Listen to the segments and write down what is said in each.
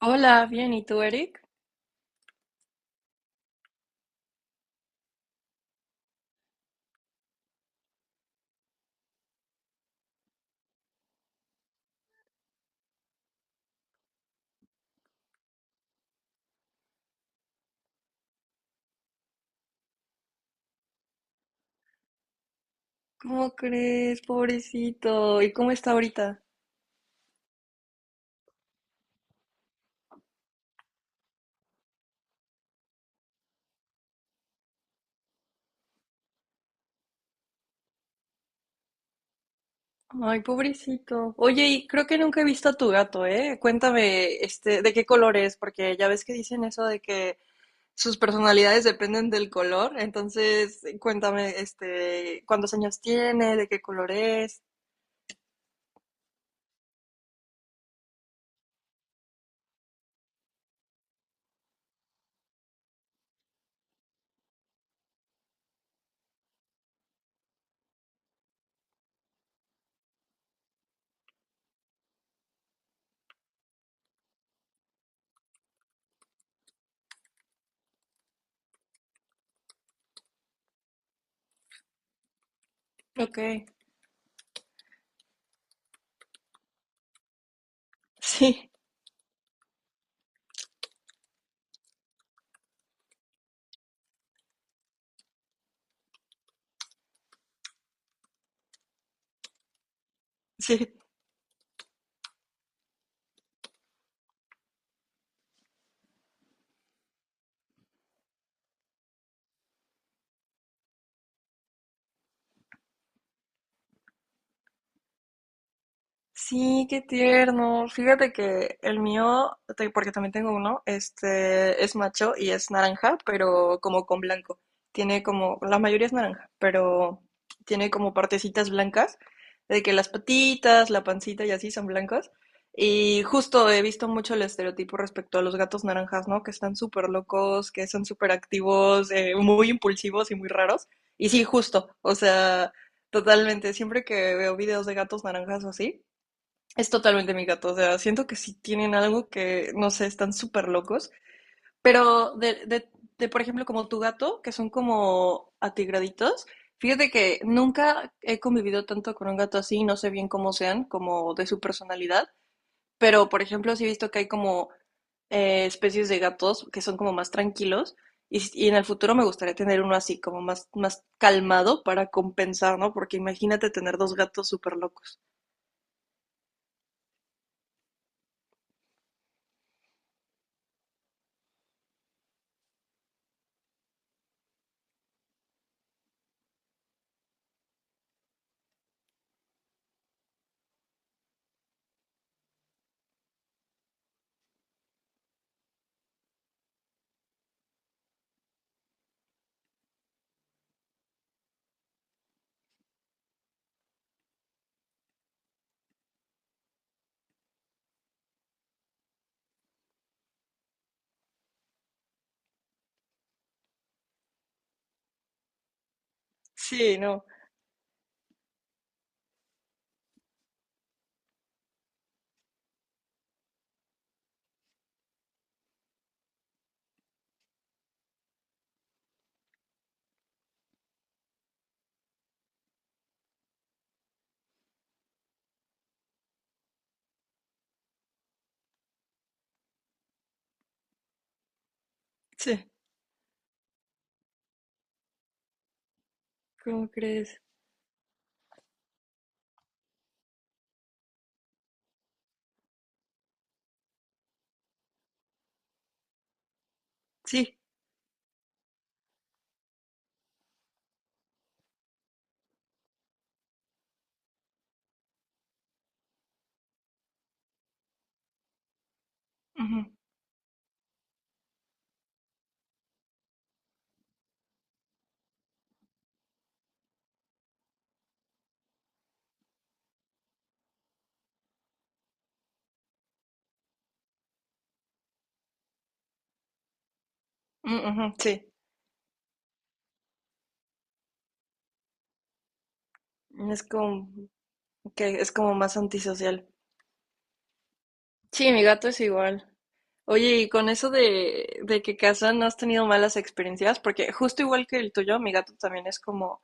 Hola, bien, ¿y tú, Eric? ¿Cómo crees, pobrecito? ¿Y cómo está ahorita? Ay, pobrecito. Oye, y creo que nunca he visto a tu gato, ¿eh? Cuéntame, ¿de qué color es? Porque ya ves que dicen eso de que sus personalidades dependen del color. Entonces, cuéntame, ¿cuántos años tiene? ¿De qué color es? Ok. Sí, sí. Sí, qué tierno. Fíjate que el mío, porque también tengo uno, este es macho y es naranja, pero como con blanco. Tiene como, la mayoría es naranja, pero tiene como partecitas blancas, de que las patitas, la pancita y así son blancas. Y justo he visto mucho el estereotipo respecto a los gatos naranjas, ¿no? Que están súper locos, que son súper activos, muy impulsivos y muy raros. Y sí, justo, o sea, totalmente. Siempre que veo videos de gatos naranjas o así. Es totalmente mi gato, o sea, siento que sí tienen algo que, no sé, están súper locos, pero por ejemplo, como tu gato, que son como atigraditos, fíjate que nunca he convivido tanto con un gato así, no sé bien cómo sean, como de su personalidad, pero, por ejemplo, sí he visto que hay como especies de gatos que son como más tranquilos, en el futuro me gustaría tener uno así, como más, más calmado para compensar, ¿no? Porque imagínate tener dos gatos súper locos. Sí, no, sí. ¿Cómo crees? Sí, ujú, mm, ujú, sí. Es como que es como más antisocial. Sí, mi gato es igual. Oye, y con eso de que casan, ¿no has tenido malas experiencias? Porque justo igual que el tuyo, mi gato también es como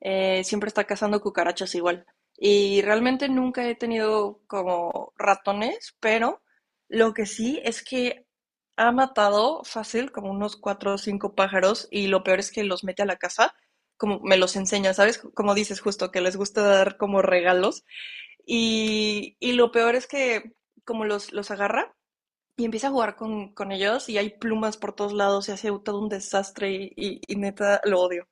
siempre está cazando cucarachas igual. Y realmente nunca he tenido como ratones, pero lo que sí es que ha matado fácil como unos cuatro o cinco pájaros y lo peor es que los mete a la casa, como me los enseña, ¿sabes? Como dices justo, que les gusta dar como regalos. Y lo peor es que como los agarra y empieza a jugar con ellos y hay plumas por todos lados y hace todo un desastre y neta lo odio.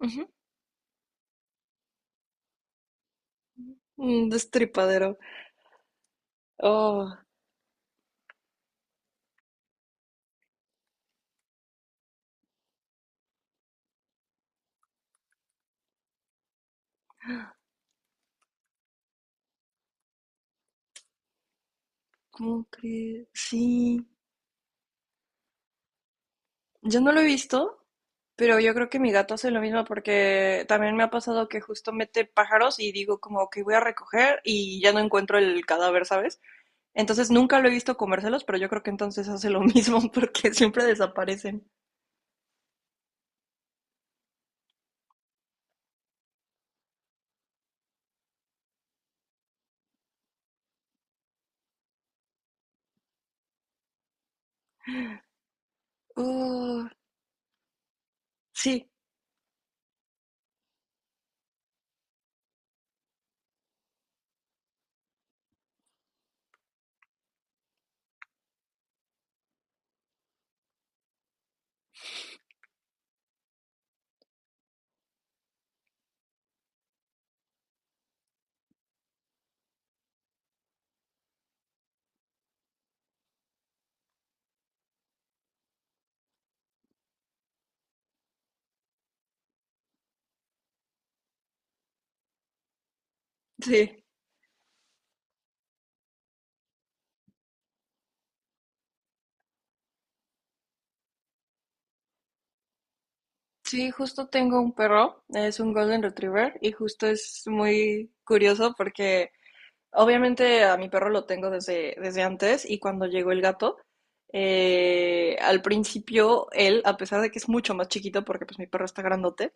Ujú. Un destripadero. Oh, ¿cómo crees? Sí, yo no lo he visto, pero yo creo que mi gato hace lo mismo porque también me ha pasado que justo mete pájaros y digo como que voy a recoger y ya no encuentro el cadáver, ¿sabes? Entonces nunca lo he visto comérselos, pero yo creo que entonces hace lo mismo porque siempre desaparecen. Uh, sí, sí. Sí, justo tengo un perro, es un Golden Retriever y justo es muy curioso porque obviamente a mi perro lo tengo desde antes y cuando llegó el gato, al principio él, a pesar de que es mucho más chiquito porque pues mi perro está grandote,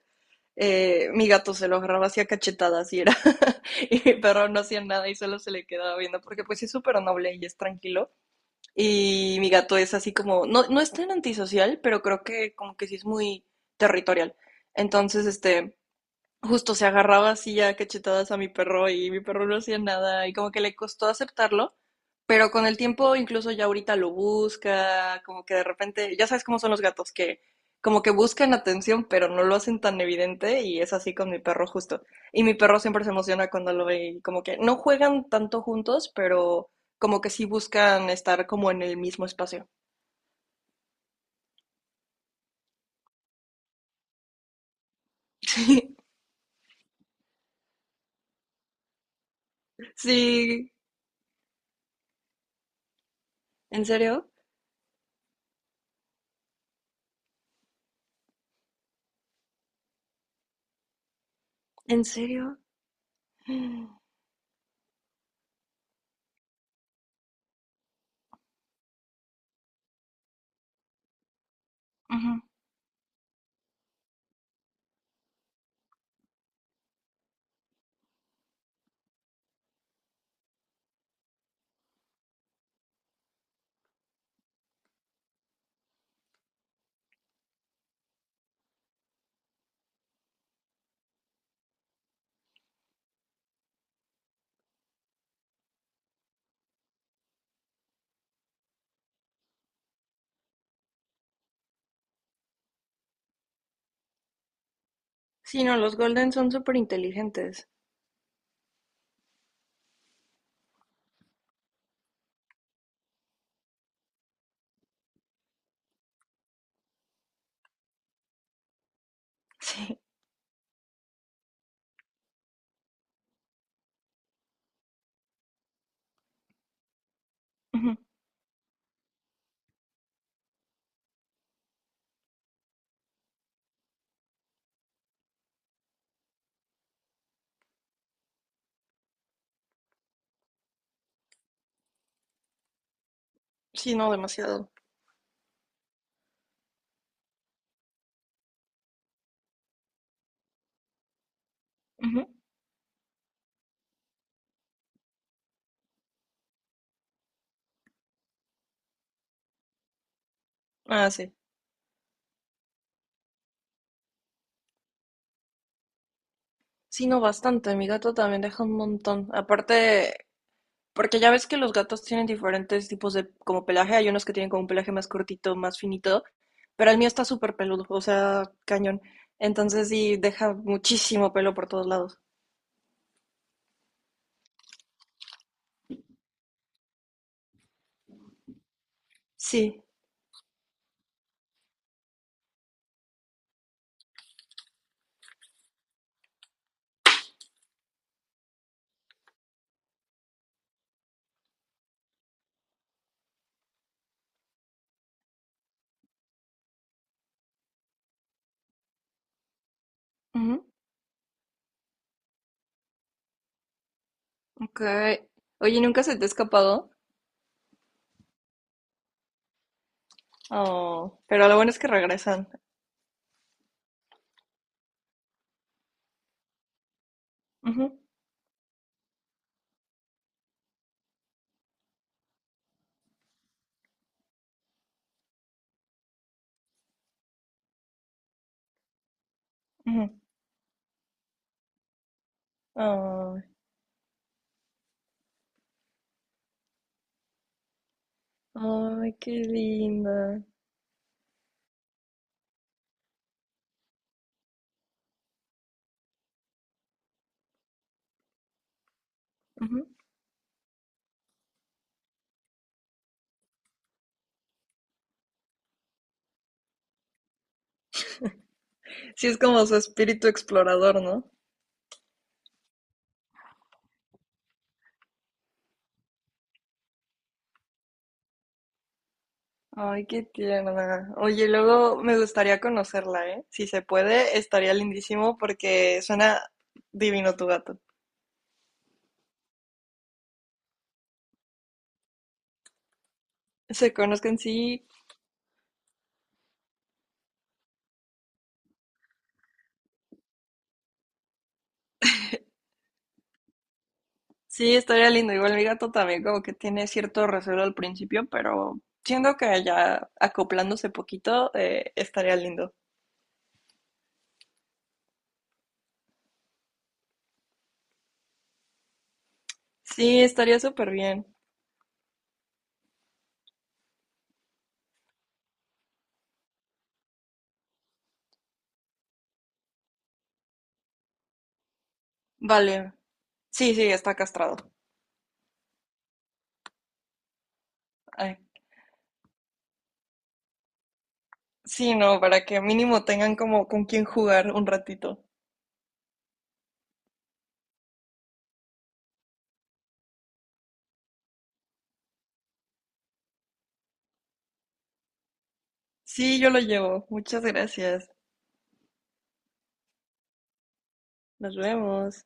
mi gato se lo agarraba así a cachetadas y era, y mi perro no hacía nada y solo se le quedaba viendo porque pues sí es súper noble y es tranquilo y mi gato es así como, no, no es tan antisocial, pero creo que como que sí es muy territorial. Entonces, justo se agarraba así ya cachetadas a mi perro y mi perro no hacía nada y como que le costó aceptarlo, pero con el tiempo incluso ya ahorita lo busca, como que de repente, ya sabes cómo son los gatos que como que buscan atención pero no lo hacen tan evidente y es así con mi perro justo. Y mi perro siempre se emociona cuando lo ve y como que no juegan tanto juntos, pero como que sí buscan estar como en el mismo espacio. Sí, ¿en serio? ¿En serio? Ujú. Sí, no, los Golden son súper inteligentes. Sí. Ujú, sí, no, demasiado. Ujú. Ah, sí. Sí, no, bastante. Mi gato también deja un montón. Aparte, porque ya ves que los gatos tienen diferentes tipos de como pelaje. Hay unos que tienen como un pelaje más cortito, más finito, pero el mío está súper peludo, o sea, cañón. Entonces sí, deja muchísimo pelo por todos lados. Sí. Ujú, ok. Oye, ¿nunca se te ha escapado? Oh, pero lo bueno es que regresan. Ujú, ujú. Ah. Ay, qué linda. Ujú. Sí, es como su espíritu explorador, ¿no? Ay, qué tierna. Oye, luego me gustaría conocerla, ¿eh? Si se puede, estaría lindísimo porque suena divino tu gato. Se conozcan, sí, sí, estaría lindo. Igual mi gato también como que tiene cierto recelo al principio, pero siento que ya acoplándose poquito, estaría lindo. Sí, estaría súper bien. Vale. Sí, sí, está castrado. Ay. Sí, no, para que mínimo tengan como con quién jugar un ratito. Sí, yo lo llevo. Muchas gracias. Nos vemos.